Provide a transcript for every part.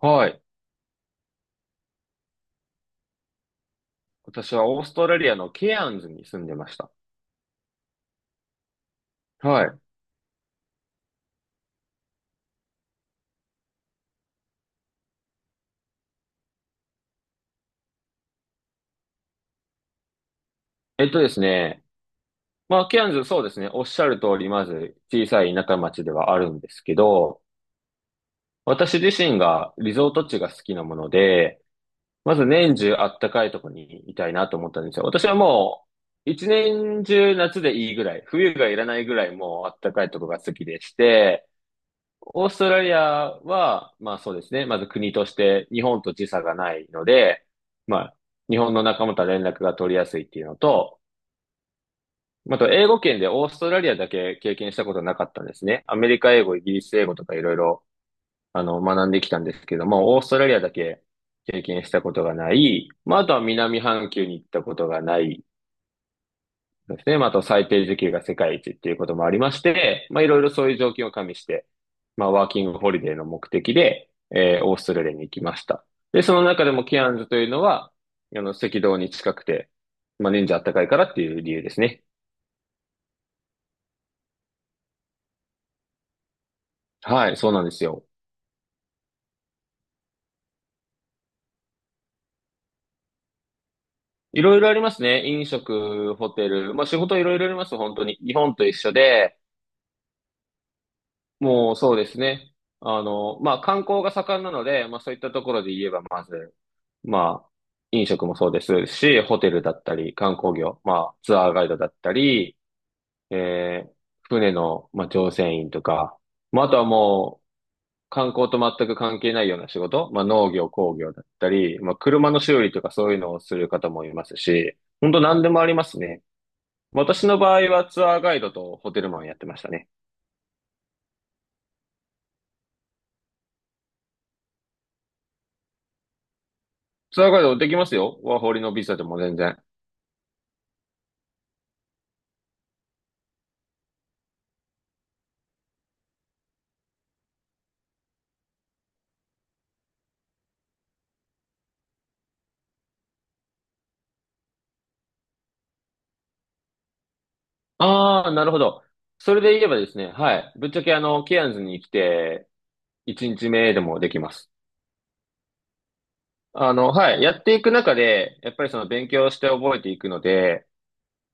はい。私はオーストラリアのケアンズに住んでました。はい。えっとですね。まあ、ケアンズ、そうですね。おっしゃる通り、まず小さい田舎町ではあるんですけど、私自身がリゾート地が好きなもので、まず年中あったかいとこにいたいなと思ったんですよ。私はもう、一年中夏でいいぐらい、冬がいらないぐらいもうあったかいとこが好きでして、オーストラリアは、まあそうですね。まず国として日本と時差がないので、まあ日本の仲間とは連絡が取りやすいっていうのと、まあと英語圏でオーストラリアだけ経験したことなかったんですね。アメリカ英語、イギリス英語とかいろいろ学んできたんですけども、オーストラリアだけ経験したことがない。まああとは南半球に行ったことがない。そうですね。まあ、あと最低時給が世界一っていうこともありまして、まあ、いろいろそういう条件を加味して、まあ、ワーキングホリデーの目的で、オーストラリアに行きました。で、その中でもケアンズというのは、あの、赤道に近くて、まあ、年中暖かいからっていう理由ですね。はい、そうなんですよ。いろいろありますね。飲食、ホテル、まあ、仕事いろいろあります、本当に。日本と一緒で、もうそうですね。あの、まあ、観光が盛んなので、まあ、そういったところで言えば、まず、まあ、飲食もそうですし、ホテルだったり、観光業、まあ、ツアーガイドだったり、えー船の、まあ、乗船員とか、まあ、あとはもう、観光と全く関係ないような仕事、まあ、農業、工業だったり、まあ、車の修理とかそういうのをする方もいますし、本当何でもありますね。私の場合はツアーガイドとホテルマンやってましたね。ツアーガイドできますよ。ワーホリのビザでも全然。ああ、なるほど。それで言えばですね、はい。ぶっちゃけあの、ケアンズに来て、1日目でもできます。あの、はい。やっていく中で、やっぱりその勉強して覚えていくので、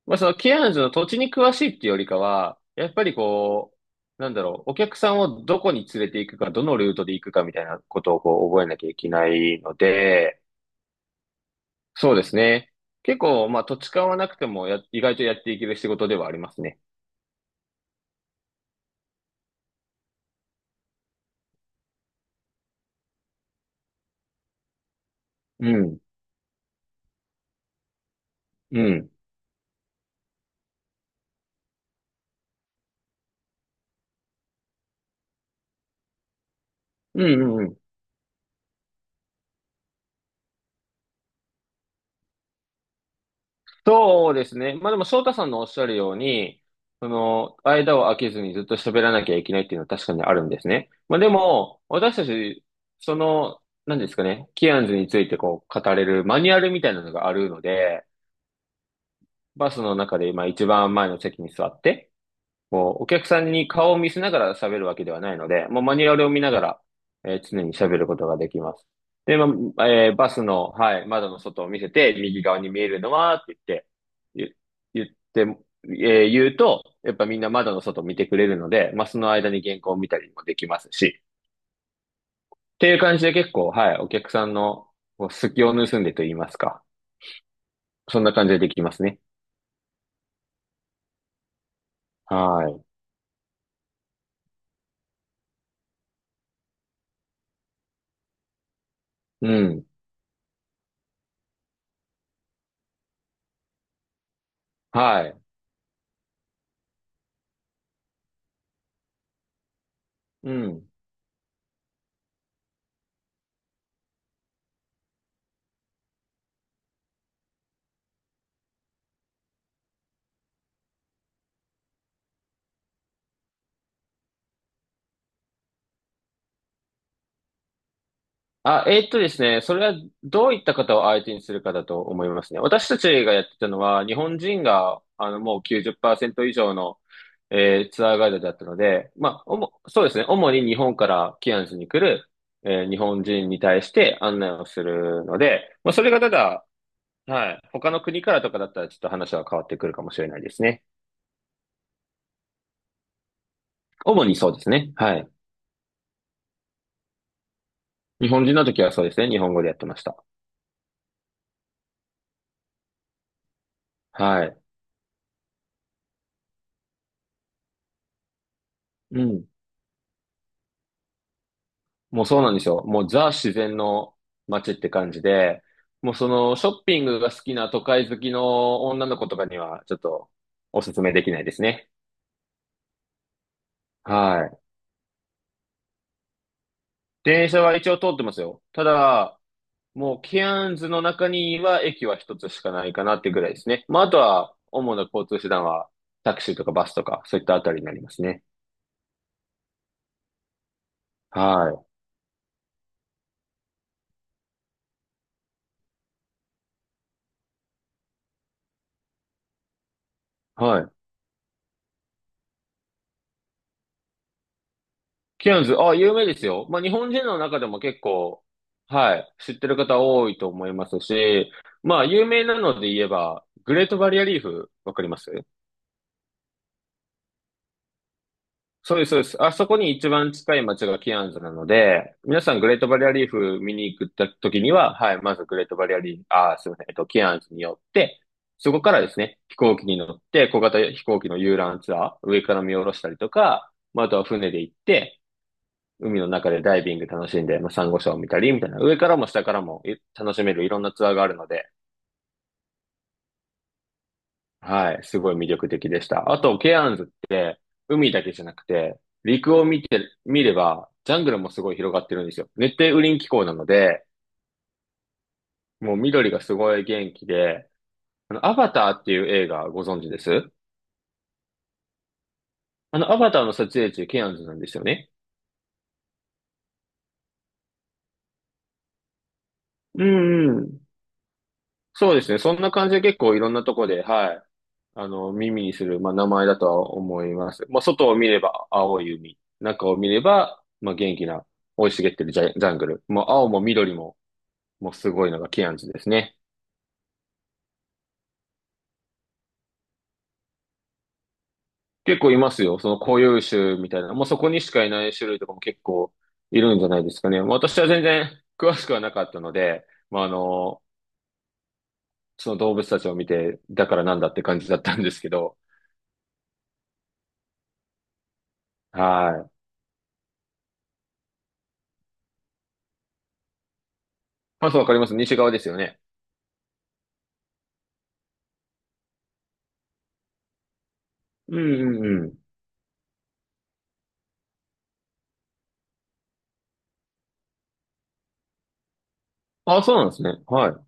まあそのケアンズの土地に詳しいっていうよりかは、やっぱりこう、なんだろう、お客さんをどこに連れて行くか、どのルートで行くかみたいなことをこう覚えなきゃいけないので、そうですね。結構、まあ土地勘はなくてもや、意外とやっていける仕事ではありますね。うん。うん。うんうんうん。そうですね。まあでも、翔太さんのおっしゃるように、その、間を空けずにずっと喋らなきゃいけないっていうのは確かにあるんですね。まあでも、私たち、その、何ですかね、キアンズについてこう、語れるマニュアルみたいなのがあるので、バスの中でまあ一番前の席に座って、こう、お客さんに顔を見せながら喋るわけではないので、もうマニュアルを見ながら、常に喋ることができます。で、まあ、バスの、はい、窓の外を見せて、右側に見えるのは、って言って、言言って、言うと、やっぱみんな窓の外を見てくれるので、まあ、その間に原稿を見たりもできますし、っていう感じで結構、はい、お客さんのこう隙を盗んでと言いますか、そんな感じでできますね。はい。うん。はい。うん。あ、ですね、それはどういった方を相手にするかだと思いますね。私たちがやってたのは、日本人が、あの、もう90%以上の、ツアーガイドだったので、まあ、おも、そうですね、主に日本からキアンズに来る、日本人に対して案内をするので、まあ、それがただ、はい、他の国からとかだったらちょっと話は変わってくるかもしれないですね。主にそうですね。はい。日本人の時はそうですね、日本語でやってました。はい。うん。もうそうなんですよ。もうザ自然の街って感じで、もうそのショッピングが好きな都会好きの女の子とかにはちょっとおすすめできないですね。はい。電車は一応通ってますよ。ただ、もうケアンズの中には駅は一つしかないかなっていうぐらいですね。まああとは主な交通手段はタクシーとかバスとかそういったあたりになりますね。はい。はい。キアヌズ、あ、有名ですよ。まあ、日本人の中でも結構、はい、知ってる方多いと思いますし、まあ、有名なので言えば、グレートバリアリーフ、わかります？そうです、そうです。あそこに一番近い街がキアンズなので、皆さんグレートバリアリーフ見に行った時には、はい、まずグレートバリアリーフ、あー、すみません、キアンズに寄って、そこからですね、飛行機に乗って、小型飛行機の遊覧ツアー、上から見下ろしたりとか、まあ、あとは船で行って、海の中でダイビング楽しんで、まあ、サンゴ礁を見たり、みたいな、上からも下からもい楽しめるいろんなツアーがあるので、はい、すごい魅力的でした。あと、ケアンズって、海だけじゃなくて、陸を見て、見れば、ジャングルもすごい広がってるんですよ。熱帯雨林気候なので、もう緑がすごい元気で、あの、アバターっていう映画ご存知です？あの、アバターの撮影地、ケアンズなんですよね。うんうん。そうですね。そんな感じで結構いろんなとこで、はい。あの、耳にする、まあ、名前だとは思います。まあ、外を見れば青い海、中を見れば、まあ、元気な、生い茂ってるジャングル。もう青も緑も、もうすごいのがケアンズですね。結構いますよ。その固有種みたいな。もうそこにしかいない種類とかも結構いるんじゃないですかね。私は全然詳しくはなかったので、まあ、あの、その動物たちを見て、だからなんだって感じだったんですけど。はい。パスわかります？西側ですよね。うんうんうん。あ、そうなんですね。はい。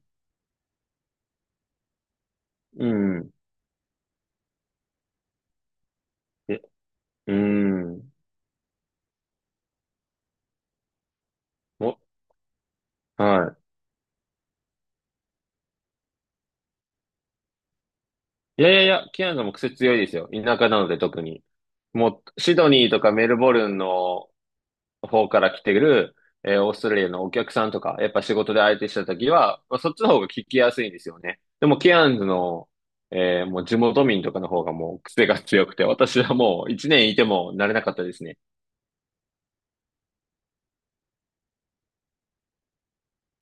うんうん。え、うん。お、はい。いやいやいや、キアヌも癖強いですよ。田舎なので特に。もう、シドニーとかメルボルンの方から来てる、オーストラリアのお客さんとか、やっぱ仕事で相手した時は、まあ、そっちの方が聞きやすいんですよね。でも、ケアンズの、もう地元民とかの方がもう癖が強くて、私はもう一年いても慣れなかったですね。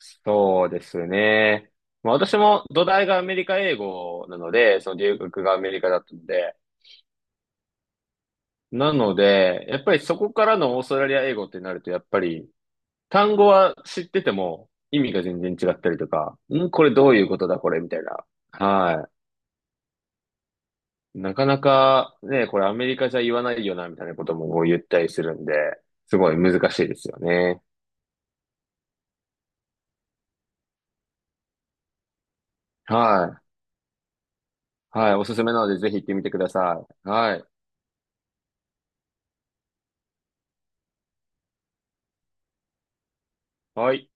そうですね。まあ、私も土台がアメリカ英語なので、その留学がアメリカだったので、なので、やっぱりそこからのオーストラリア英語ってなると、やっぱり単語は知ってても意味が全然違ったりとか、ん、これどういうことだ、これみたいな。はい。なかなかね、これアメリカじゃ言わないよな、みたいなことも言ったりするんで、すごい難しいですよね。はい。はい。おすすめなので、ぜひ行ってみてください。はい。はい。